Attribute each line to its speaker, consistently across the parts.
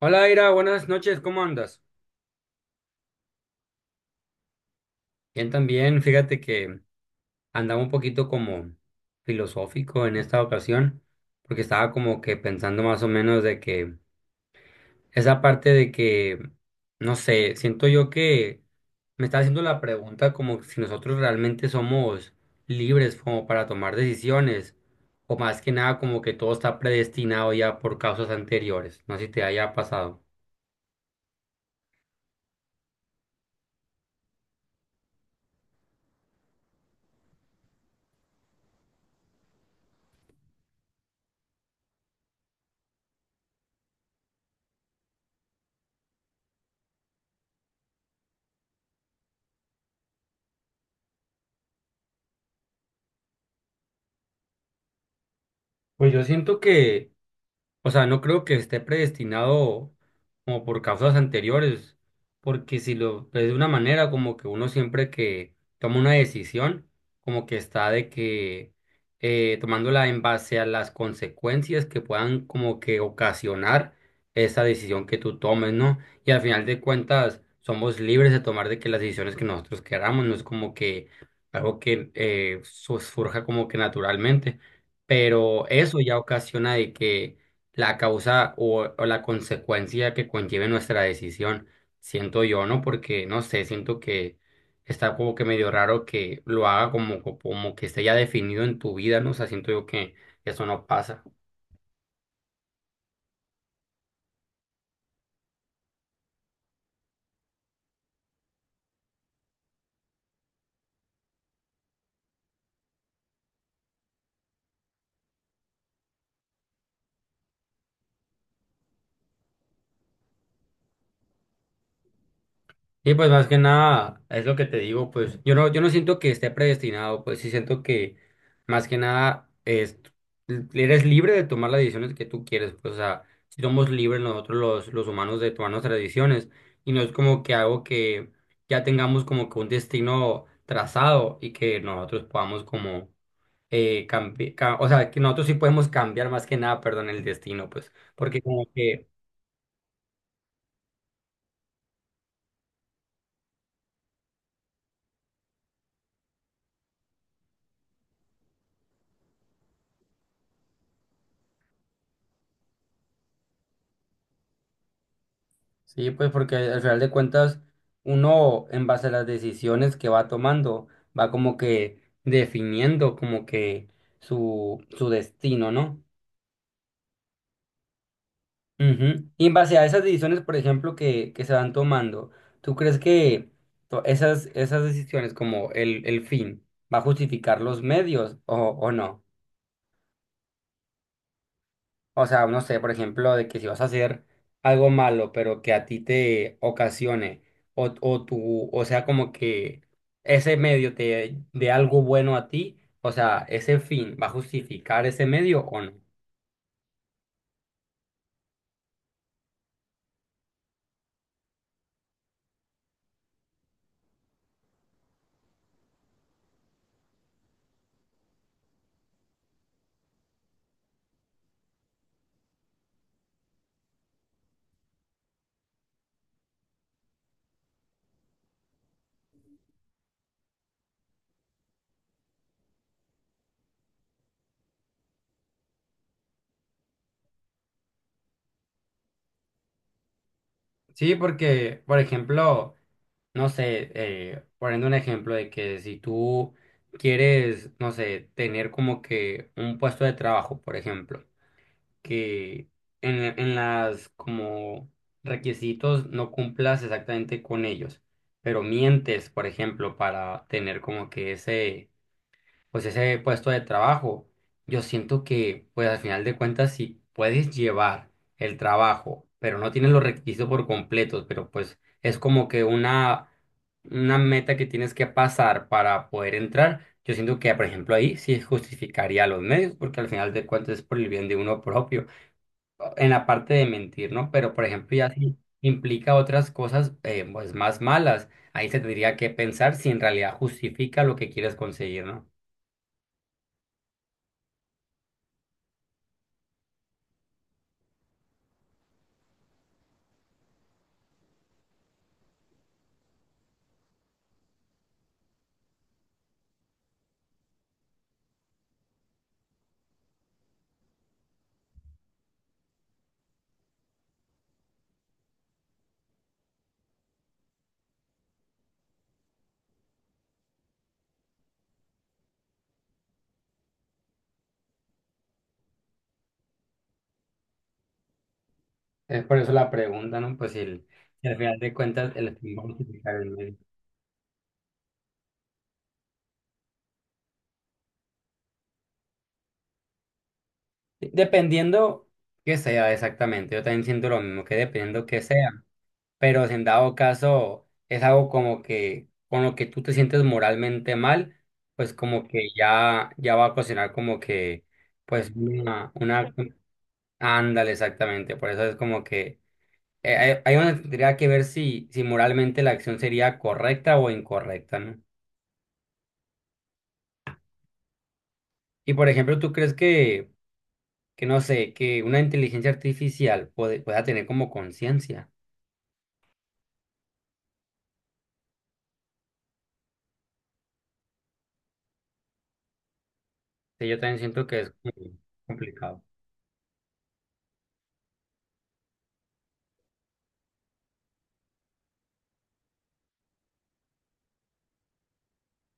Speaker 1: Hola, Ira, buenas noches, ¿cómo andas? Bien, también, fíjate que andaba un poquito como filosófico en esta ocasión, porque estaba como que pensando más o menos de que esa parte de que, no sé, siento yo que me está haciendo la pregunta como si nosotros realmente somos libres como para tomar decisiones, o más que nada como que todo está predestinado ya por causas anteriores, no sé si te haya pasado. Pues yo siento que o sea, no creo que esté predestinado como por causas anteriores, porque si lo ves de una manera, como que uno siempre que toma una decisión, como que está de que tomándola en base a las consecuencias que puedan como que ocasionar esa decisión que tú tomes, ¿no? Y al final de cuentas, somos libres de tomar de que las decisiones que nosotros queramos, no es como que algo que surja como que naturalmente, pero eso ya ocasiona de que la causa o la consecuencia que conlleve nuestra decisión, siento yo, ¿no? Porque, no sé, siento que está como que medio raro que lo haga como que esté ya definido en tu vida, ¿no? O sea, siento yo que eso no pasa. Sí, pues más que nada, es lo que te digo, pues yo no siento que esté predestinado, pues sí siento que más que nada es, eres libre de tomar las decisiones que tú quieres, pues o sea, si somos libres nosotros los humanos de tomar nuestras decisiones y no es como que algo que ya tengamos como que un destino trazado y que nosotros podamos como cambiar, o sea, que nosotros sí podemos cambiar más que nada, perdón, el destino, pues, porque como que... Sí, pues porque al final de cuentas uno en base a las decisiones que va tomando va como que definiendo como que su destino, ¿no? Ujú. Y en base a esas decisiones, por ejemplo, que se van tomando, ¿tú crees que esas decisiones como el fin va a justificar los medios o no? O sea, no sé, por ejemplo, de que si vas a hacer algo malo, pero que a ti te ocasione, o tu o sea, como que ese medio te dé algo bueno a ti, o sea, ese fin va a justificar ese medio o no. Sí, porque, por ejemplo, no sé, poniendo un ejemplo de que si tú quieres, no sé, tener como que un puesto de trabajo, por ejemplo, que en las como requisitos no cumplas exactamente con ellos, pero mientes, por ejemplo, para tener como que ese, pues ese puesto de trabajo, yo siento que, pues al final de cuentas, si puedes llevar el trabajo, pero no tienes los requisitos por completos, pero pues es como que una meta que tienes que pasar para poder entrar. Yo siento que, por ejemplo, ahí sí justificaría los medios, porque al final de cuentas es por el bien de uno propio en la parte de mentir, ¿no? Pero, por ejemplo, ya si implica otras cosas, pues más malas, ahí se tendría que pensar si en realidad justifica lo que quieres conseguir, ¿no? Es por eso la pregunta, ¿no? Pues si, si al final de cuentas el fin va a justificar el medio. Dependiendo que sea exactamente, yo también siento lo mismo, que dependiendo que sea, pero si en dado caso es algo como que con lo que tú te sientes moralmente mal, pues como que ya, ya va a ocasionar como que pues una Ándale, exactamente. Por eso es como que hay donde tendría que ver si moralmente la acción sería correcta o incorrecta, ¿no? Y por ejemplo, ¿tú crees que no sé, que una inteligencia artificial puede, pueda tener como conciencia? Sí, yo también siento que es como complicado.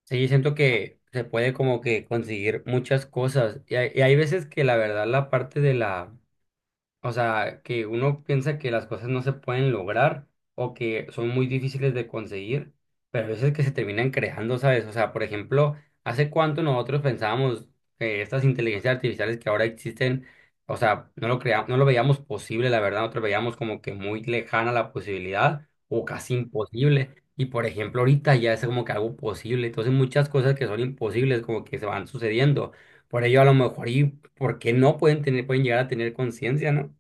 Speaker 1: Sí, yo siento que se puede como que conseguir muchas cosas. Y hay veces que la verdad la parte de la o sea, que uno piensa que las cosas no se pueden lograr o que son muy difíciles de conseguir, pero a veces que se terminan creando, ¿sabes? O sea, por ejemplo, ¿hace cuánto nosotros pensábamos que estas inteligencias artificiales que ahora existen, o sea, no lo veíamos posible, la verdad, nosotros veíamos como que muy lejana la posibilidad o casi imposible. Y por ejemplo, ahorita ya es como que algo posible. Entonces, muchas cosas que son imposibles como que se van sucediendo. Por ello, a lo mejor, ¿y por qué no pueden tener, pueden llegar a tener conciencia, no?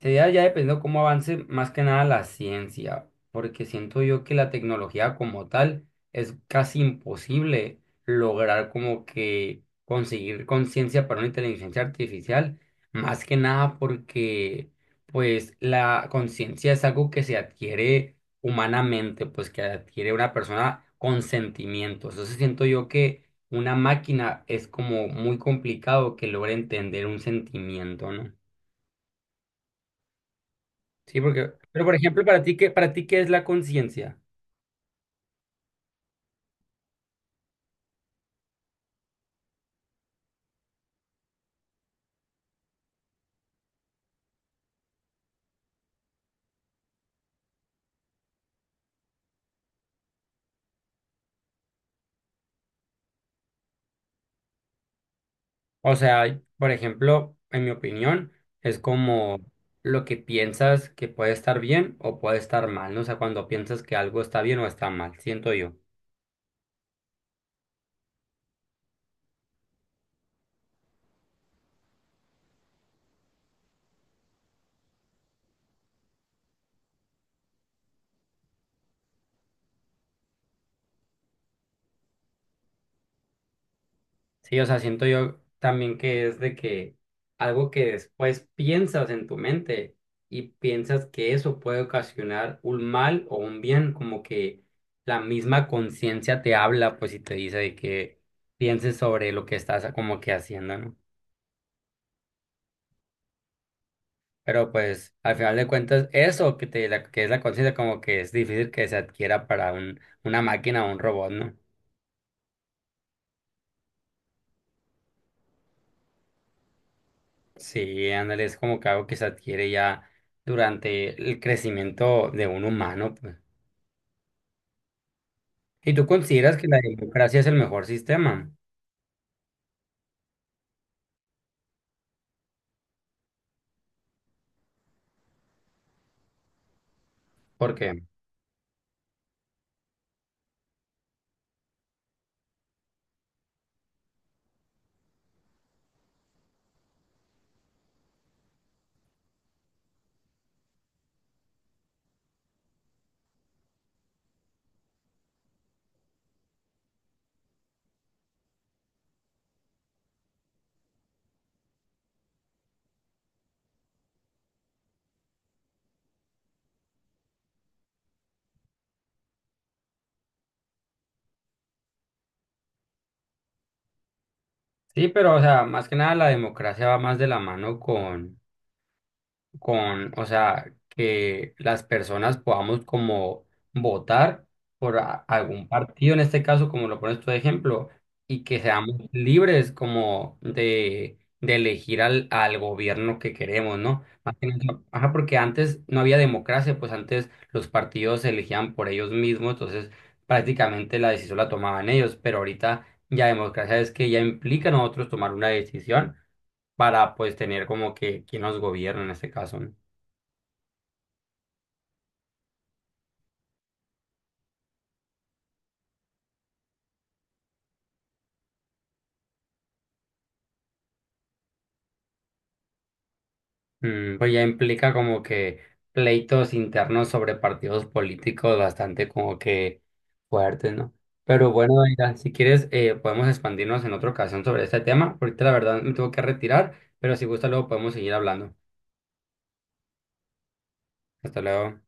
Speaker 1: Sería ya dependiendo cómo avance más que nada la ciencia, porque siento yo que la tecnología como tal es casi imposible lograr como que conseguir conciencia para una inteligencia artificial, más que nada porque pues la conciencia es algo que se adquiere humanamente, pues que adquiere una persona con sentimientos. Entonces siento yo que una máquina es como muy complicado que logre entender un sentimiento, ¿no? Sí, porque, pero por ejemplo, para ti qué es la conciencia? O sea, por ejemplo, en mi opinión, es como lo que piensas que puede estar bien o puede estar mal, ¿no? O sea, cuando piensas que algo está bien o está mal, siento yo. Sí, o sea, siento yo también que es de que algo que después piensas en tu mente y piensas que eso puede ocasionar un mal o un bien, como que la misma conciencia te habla, pues, y te dice de que pienses sobre lo que estás como que haciendo, ¿no? Pero pues, al final de cuentas, eso que te, que es la conciencia, como que es difícil que se adquiera para un, una máquina o un robot, ¿no? Sí, ándale, es como que algo que se adquiere ya durante el crecimiento de un humano, pues. ¿Y tú consideras que la democracia es el mejor sistema? ¿Por qué? Sí, pero, o sea, más que nada la democracia va más de la mano con, o sea, que las personas podamos como votar por algún partido, en este caso, como lo pones tú de ejemplo, y que seamos libres como de elegir al gobierno que queremos, ¿no? Más que nada, ajá, porque antes no había democracia, pues antes los partidos se elegían por ellos mismos, entonces prácticamente la decisión la tomaban ellos, pero ahorita ya democracia es que ya implica a nosotros tomar una decisión para pues tener como que quien nos gobierna en este caso, ¿no? Mm, pues ya implica como que pleitos internos sobre partidos políticos bastante como que fuertes, ¿no? Pero bueno, Daira, si quieres podemos expandirnos en otra ocasión sobre este tema. Ahorita la verdad me tengo que retirar, pero si gusta luego podemos seguir hablando. Hasta luego.